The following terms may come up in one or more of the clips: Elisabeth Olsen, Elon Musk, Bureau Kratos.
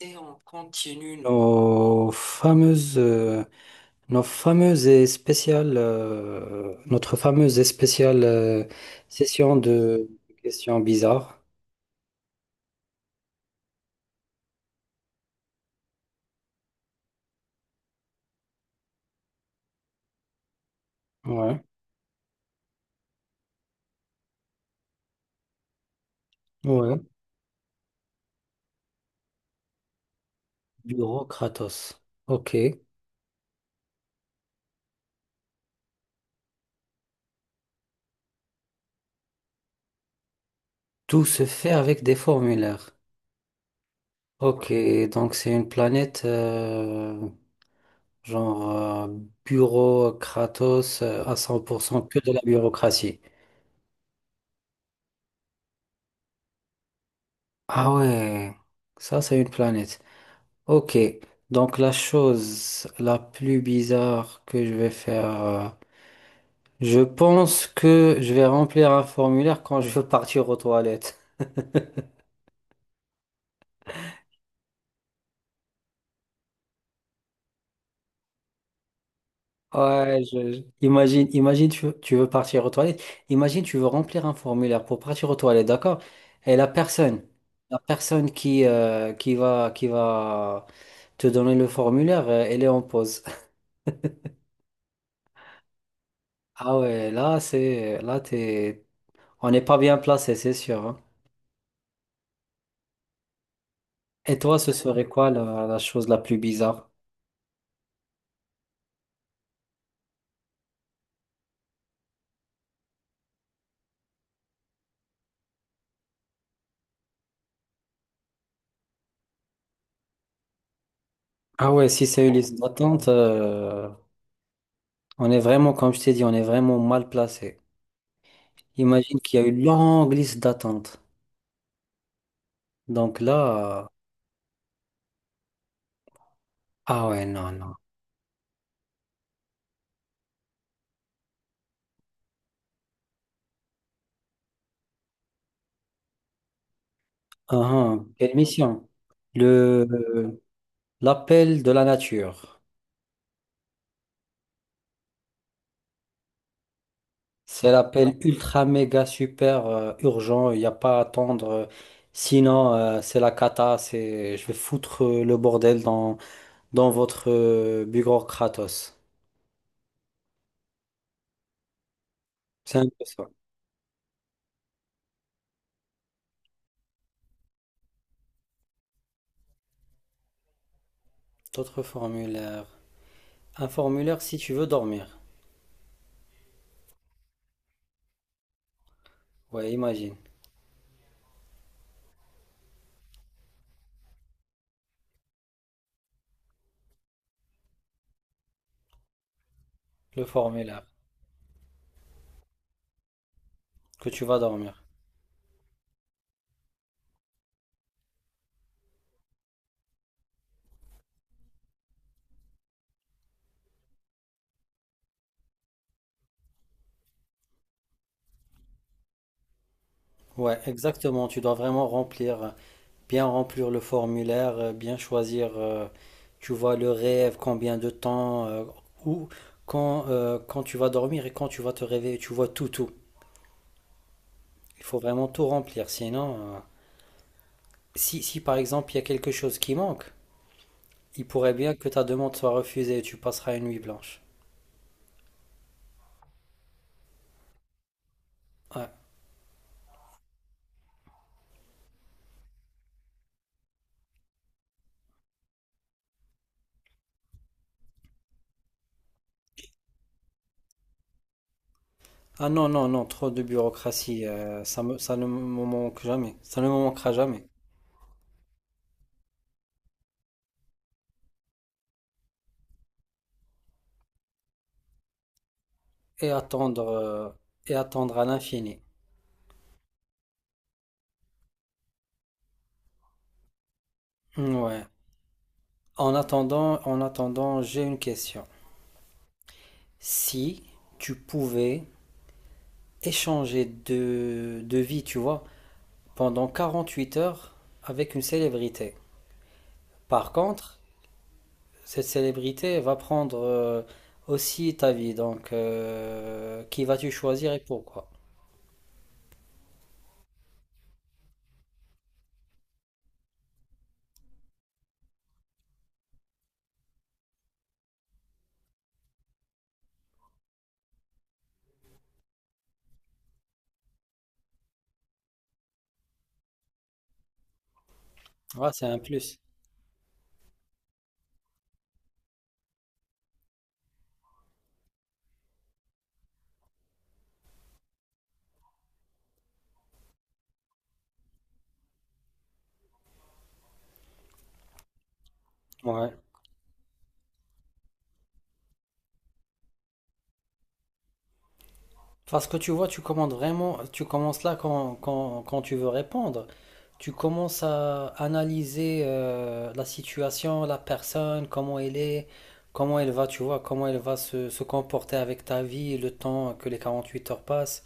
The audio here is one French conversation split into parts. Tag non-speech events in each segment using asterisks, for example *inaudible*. Et on continue nos fameuses et spéciales, notre fameuse et spéciale session de questions bizarres. Ouais, ouais. Bureau Kratos. Ok. Tout se fait avec des formulaires. Ok, donc c'est une planète genre bureau Kratos à 100% que de la bureaucratie. Ah ouais, ça c'est une planète. Ok, donc la chose la plus bizarre que je vais faire, je pense que je vais remplir un formulaire quand je veux partir aux toilettes. Ouais, imagine tu veux partir aux toilettes, imagine tu veux remplir un formulaire pour partir aux toilettes, d'accord? Et la personne qui va te donner le formulaire, elle est en pause. *laughs* Ah ouais, là t'es, on n'est pas bien placé, c'est sûr, hein. Et toi, ce serait quoi la chose la plus bizarre? Ah ouais, si c'est une liste d'attente, on est vraiment, comme je t'ai dit, on est vraiment mal placé. Imagine qu'il y a une longue liste d'attente. Donc là, ah ouais, non, non. Ah, ah, quelle mission? Le, l'appel de la nature. C'est l'appel ultra, méga, super, urgent. Il n'y a pas à attendre. Sinon, c'est la cata. C'est, je vais foutre le bordel dans votre bureau Kratos. C'est un peu ça. D'autres formulaires. Un formulaire si tu veux dormir. Ouais, imagine. Le formulaire que tu vas dormir. Ouais, exactement. Tu dois vraiment remplir, bien remplir le formulaire, bien choisir, tu vois, le rêve, combien de temps, où, quand tu vas dormir et quand tu vas te réveiller. Tu vois tout, tout. Il faut vraiment tout remplir. Sinon, si par exemple il y a quelque chose qui manque, il pourrait bien que ta demande soit refusée et tu passeras une nuit blanche. Ouais. Ah non, non, non, trop de bureaucratie, ça ne me manque jamais, ça ne me manquera jamais. Et attendre, euh, et attendre à l'infini. Ouais. En attendant, j'ai une question. Si tu pouvais échanger de vie, tu vois, pendant 48 heures avec une célébrité. Par contre, cette célébrité va prendre aussi ta vie, donc qui vas-tu choisir et pourquoi? Ah, c'est un plus. Ouais. Parce que tu vois, tu commandes vraiment, tu commences là quand tu veux répondre. Tu commences à analyser la situation, la personne, comment elle est, comment elle va, tu vois, comment elle va se comporter avec ta vie, le temps que les 48 heures passent.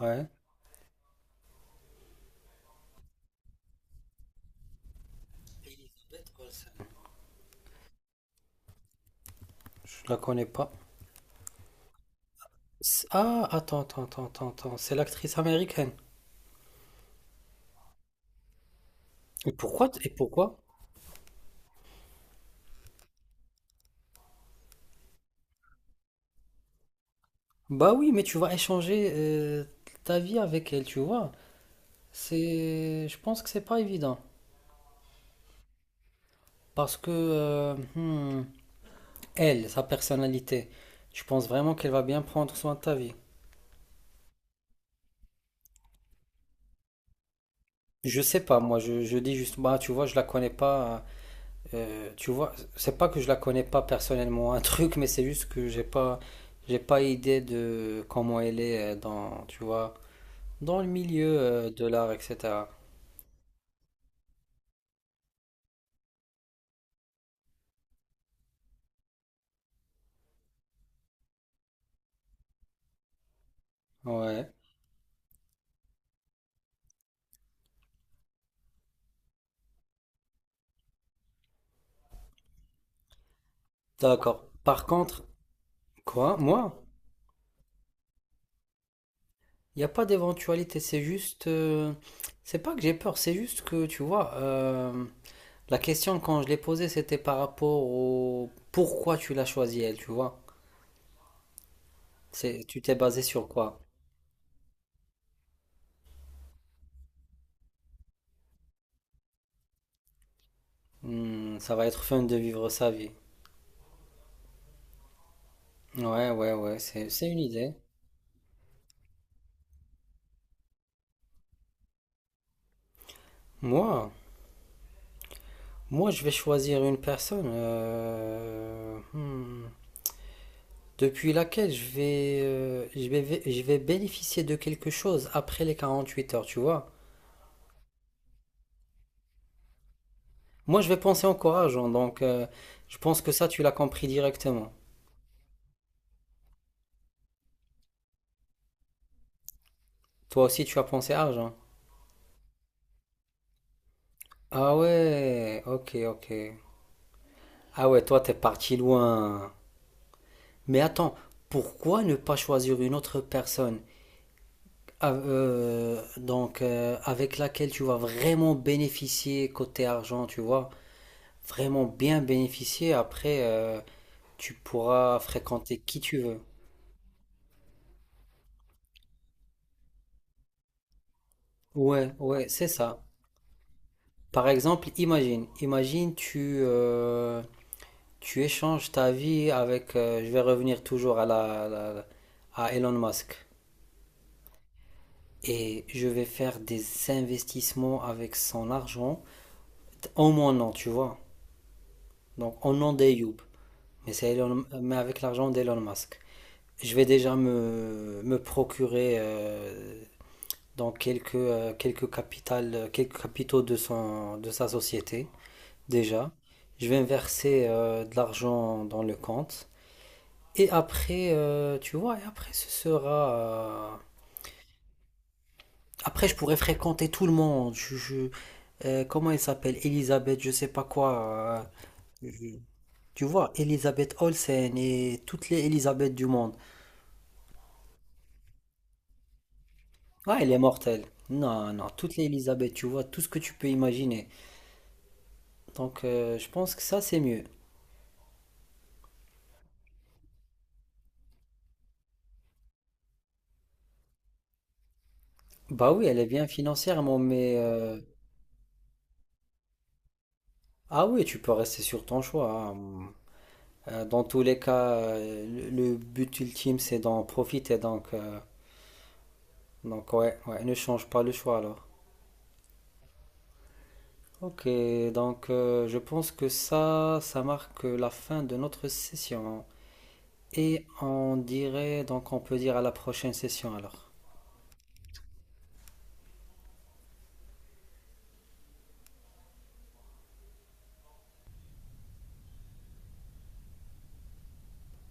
Ouais, je la connais pas. Ah, attends, attends, attends, attends, attends, c'est l'actrice américaine. Et pourquoi? Et pourquoi? Bah oui, mais tu vas échanger ta vie avec elle, tu vois. Je pense que c'est pas évident. Parce que elle, sa personnalité, je pense vraiment qu'elle va bien prendre soin de ta vie. Je sais pas, moi, je dis juste, bah, tu vois, je la connais pas. Tu vois, c'est pas que je la connais pas personnellement, un *laughs* truc, mais c'est juste que j'ai pas idée de comment elle est tu vois, dans le milieu de l'art, etc. Ouais, d'accord. Par contre, quoi, moi, il n'y a pas d'éventualité, c'est pas que j'ai peur, c'est juste que, tu vois, la question, quand je l'ai posée, c'était par rapport au pourquoi tu l'as choisi, elle, tu vois. Tu t'es basé sur quoi? Hmm, ça va être fun de vivre sa vie. Ouais, ouais, ouais, c'est une idée. Moi, moi, je vais choisir une personne depuis laquelle je vais bénéficier de quelque chose après les 48 heures, tu vois. Moi, je vais penser encore argent, donc je pense que ça, tu l'as compris directement. Toi aussi, tu as pensé argent. Ah ouais, ok, ok. Ah ouais, toi, t'es parti loin. Mais attends, pourquoi ne pas choisir une autre personne avec laquelle tu vas vraiment bénéficier côté argent, tu vois? Vraiment bien bénéficier. Après, tu pourras fréquenter qui tu veux. Ouais, ouais, c'est ça. Par exemple, imagine tu échanges ta vie avec, je vais revenir toujours à la, la- la- à Elon Musk. Et je vais faire des investissements avec son argent en mon nom, tu vois. Donc en nom d'Ayoub, mais, c'est mais avec l'argent d'Elon Musk. Je vais déjà me procurer dans quelques capitaux de sa société, déjà. Je vais verser de l'argent dans le compte. Et après ce sera. Après, je pourrais fréquenter tout le monde. Comment elle s'appelle? Elisabeth, je sais pas quoi. euh, euh, tu vois, Elisabeth Olsen et toutes les Elisabeth du monde. Ah, elle est mortelle. Non, non, toutes les Elisabeth, tu vois, tout ce que tu peux imaginer. Donc, je pense que ça, c'est mieux. Bah oui, elle est bien financièrement, mais. Ah oui, tu peux rester sur ton choix, hein. Dans tous les cas, le but ultime, c'est d'en profiter. Donc ouais, ouais, ne change pas le choix alors. Ok, donc je pense que ça marque la fin de notre session. Et on dirait, donc on peut dire à la prochaine session alors.